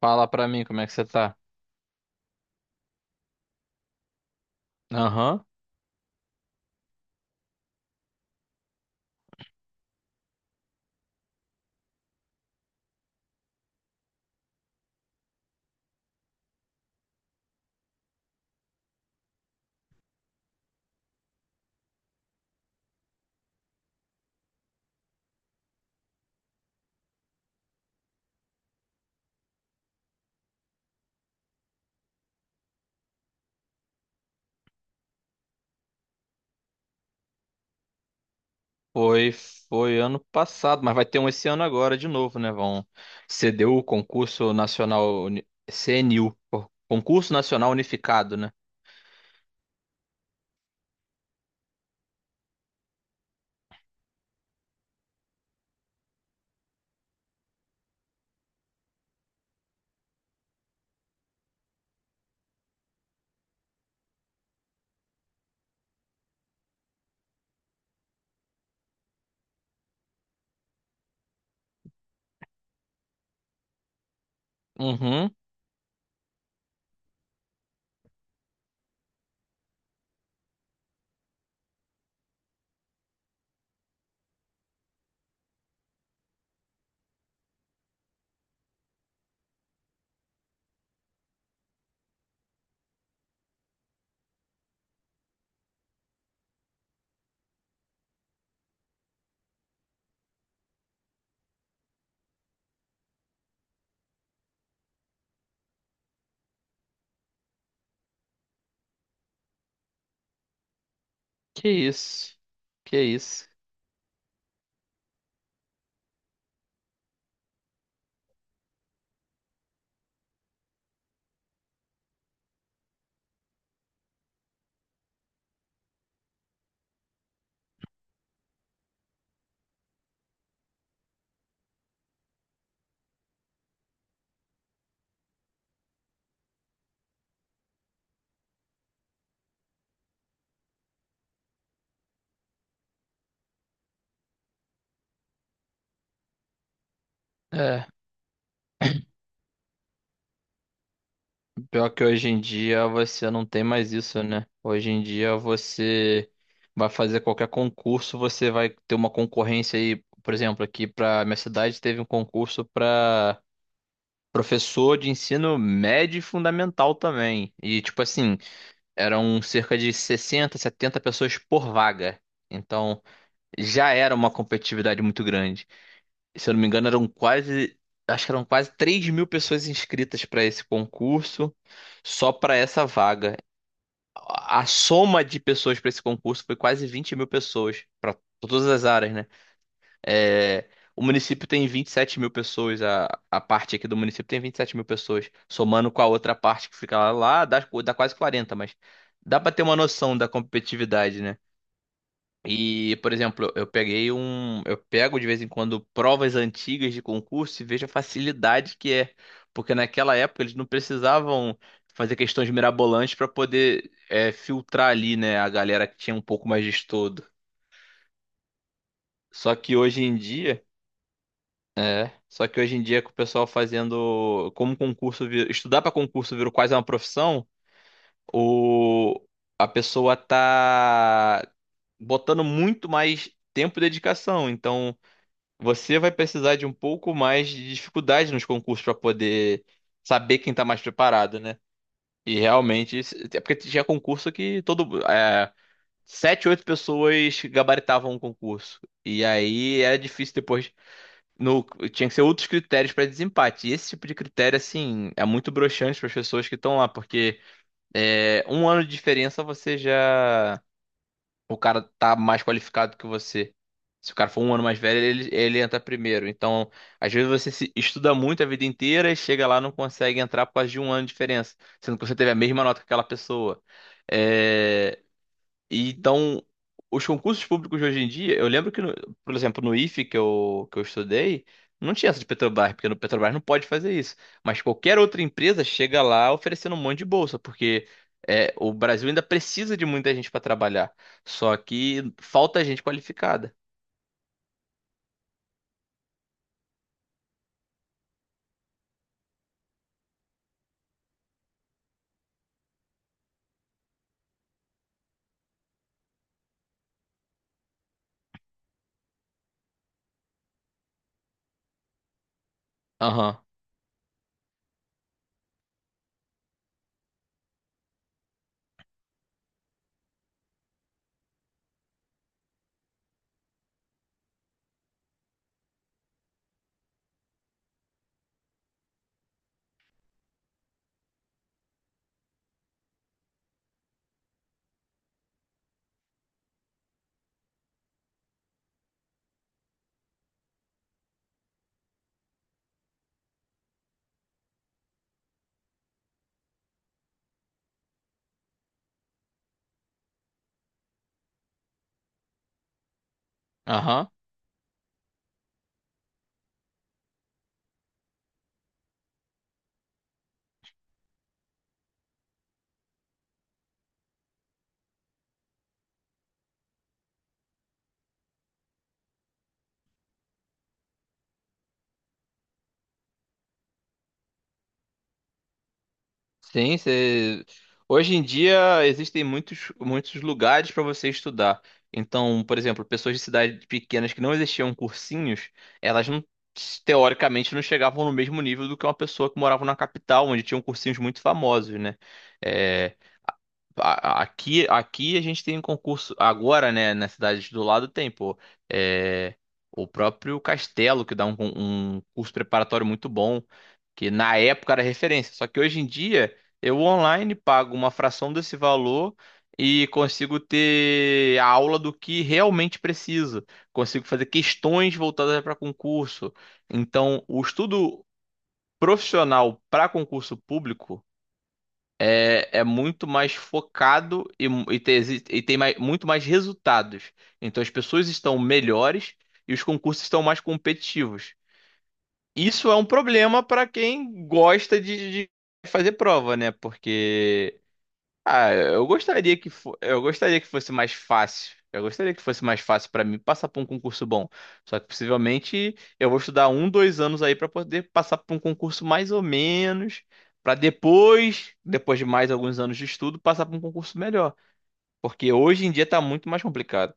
Fala pra mim como é que você tá. Aham. Foi, foi ano passado, mas vai ter um esse ano agora de novo, né? Vão CDU, CNU, Concurso Nacional Unificado, né? Uhum. Que isso. Que isso. É, pior que hoje em dia você não tem mais isso, né? Hoje em dia você vai fazer qualquer concurso, você vai ter uma concorrência aí. Por exemplo, aqui pra minha cidade teve um concurso pra professor de ensino médio e fundamental também. E, tipo assim, eram cerca de 60 70 pessoas por vaga. Então, já era uma competitividade muito grande. E, se eu não me engano, eram quase, acho que eram quase 3.000 pessoas inscritas para esse concurso, só para essa vaga. A soma de pessoas para esse concurso foi quase 20.000 pessoas, para todas as áreas, né? É, o município tem 27.000 pessoas, a parte aqui do município tem 27.000 pessoas, somando com a outra parte que fica lá, dá quase quarenta, mas dá pra ter uma noção da competitividade, né? E, por exemplo, eu pego de vez em quando provas antigas de concurso e vejo a facilidade que é, porque naquela época eles não precisavam fazer questões mirabolantes para poder filtrar ali, né, a galera que tinha um pouco mais de estudo. Só que hoje em dia É, só que hoje em dia com o pessoal fazendo, como concurso, estudar para concurso virou quase uma profissão, o a pessoa tá botando muito mais tempo e dedicação. Então, você vai precisar de um pouco mais de dificuldade nos concursos para poder saber quem tá mais preparado, né? E realmente, é porque tinha concurso que todo sete, oito pessoas gabaritavam um concurso. E aí era difícil depois, no- tinha que ser outros critérios para desempate. E esse tipo de critério, assim, é muito broxante para as pessoas que estão lá, porque é, um ano de diferença você já. O cara tá mais qualificado que você. Se o cara for um ano mais velho, ele entra primeiro. Então, às vezes você se estuda muito a vida inteira e chega lá e não consegue entrar por causa de um ano de diferença, sendo que você teve a mesma nota que aquela pessoa. É, Então, os concursos públicos de hoje em dia, eu lembro que, por exemplo, no IFE que eu estudei, não tinha essa de Petrobras, porque no Petrobras não pode fazer isso. Mas qualquer outra empresa chega lá oferecendo um monte de bolsa, porque é, o Brasil ainda precisa de muita gente para trabalhar. Só que falta gente qualificada. Aham, aham. Sim. Hoje em dia existem muitos, muitos lugares para você estudar. Então, por exemplo, pessoas de cidades pequenas que não existiam cursinhos, elas não, teoricamente, não chegavam no mesmo nível do que uma pessoa que morava na capital, onde tinham cursinhos muito famosos, né? Eh, aqui a gente tem um concurso agora, né? Na cidade do lado tem, pô. É, o próprio Castelo, que dá um curso preparatório muito bom, que na época era referência. Só que hoje em dia eu online pago uma fração desse valor e consigo ter a aula do que realmente preciso. Consigo fazer questões voltadas para concurso. Então, o estudo profissional para concurso público é muito mais focado e tem, exi- e tem mai- muito mais resultados. Então as pessoas estão melhores e os concursos estão mais competitivos. Isso é um problema para quem gosta de, fazer prova, né? Porque. Eu gostaria que fosse mais fácil. Eu gostaria que fosse mais fácil pra mim passar por um concurso bom. Só que possivelmente eu vou estudar 2 anos aí pra poder passar por um concurso mais ou menos, pra depois de mais alguns anos de estudo, passar por um concurso melhor, porque hoje em dia tá muito mais complicado.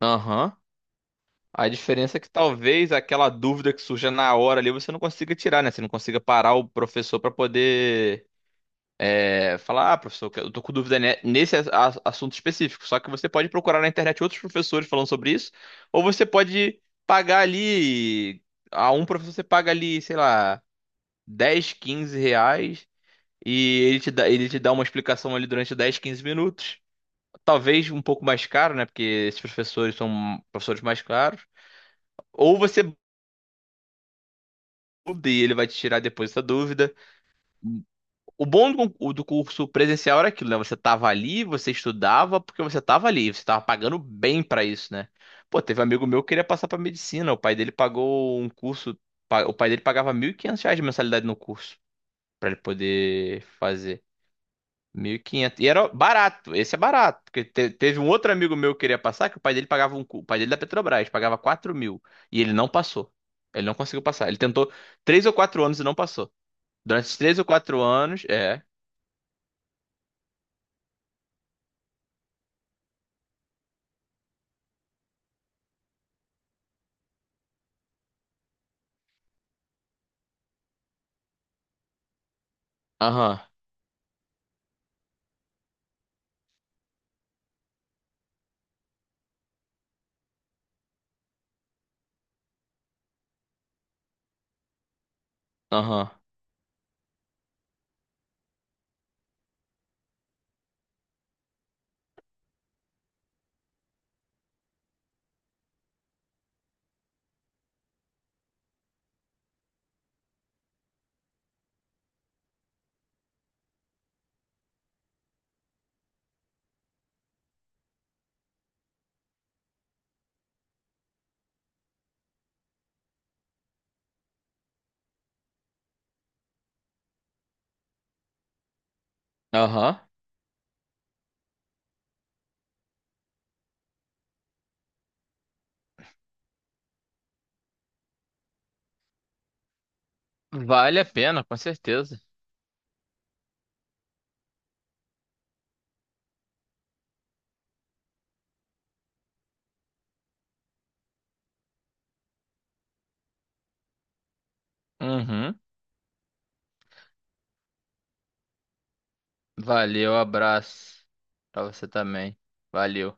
Aham. A diferença é que talvez aquela dúvida que surja na hora ali você não consiga tirar, né? Você não consiga parar o professor pra poder falar, ah, professor, eu tô com dúvida nesse assunto específico. Só que você pode procurar na internet outros professores falando sobre isso, ou você pode pagar ali, a um professor você paga ali, sei lá, 10 15 reais, e ele te dá uma explicação ali durante 10 15 minutos. Talvez um pouco mais caro, né? Porque esses professores são professores mais caros. Ou você muda e ele vai te tirar depois essa dúvida. O bom do do curso presencial era aquilo, né? Você tava ali, você estudava porque você tava ali, você tava pagando bem pra isso, né? Pô, teve um amigo meu que queria passar pra medicina, o pai dele pagou um curso, o pai dele pagava R$ 1.500 de mensalidade no curso pra ele poder fazer. 1.500, e era barato, esse é barato, porque teve um outro amigo meu que queria passar que o pai dele pagava o pai dele é da Petrobras pagava 4.000 e ele não passou. Ele não conseguiu passar. Ele tentou 3 ou 4 anos e não passou. Durante esses 3 ou 4 anos, é. Aham. Aham. Aham. Vale a pena, com certeza. Uhum. Valeu, abraço pra você também. Valeu.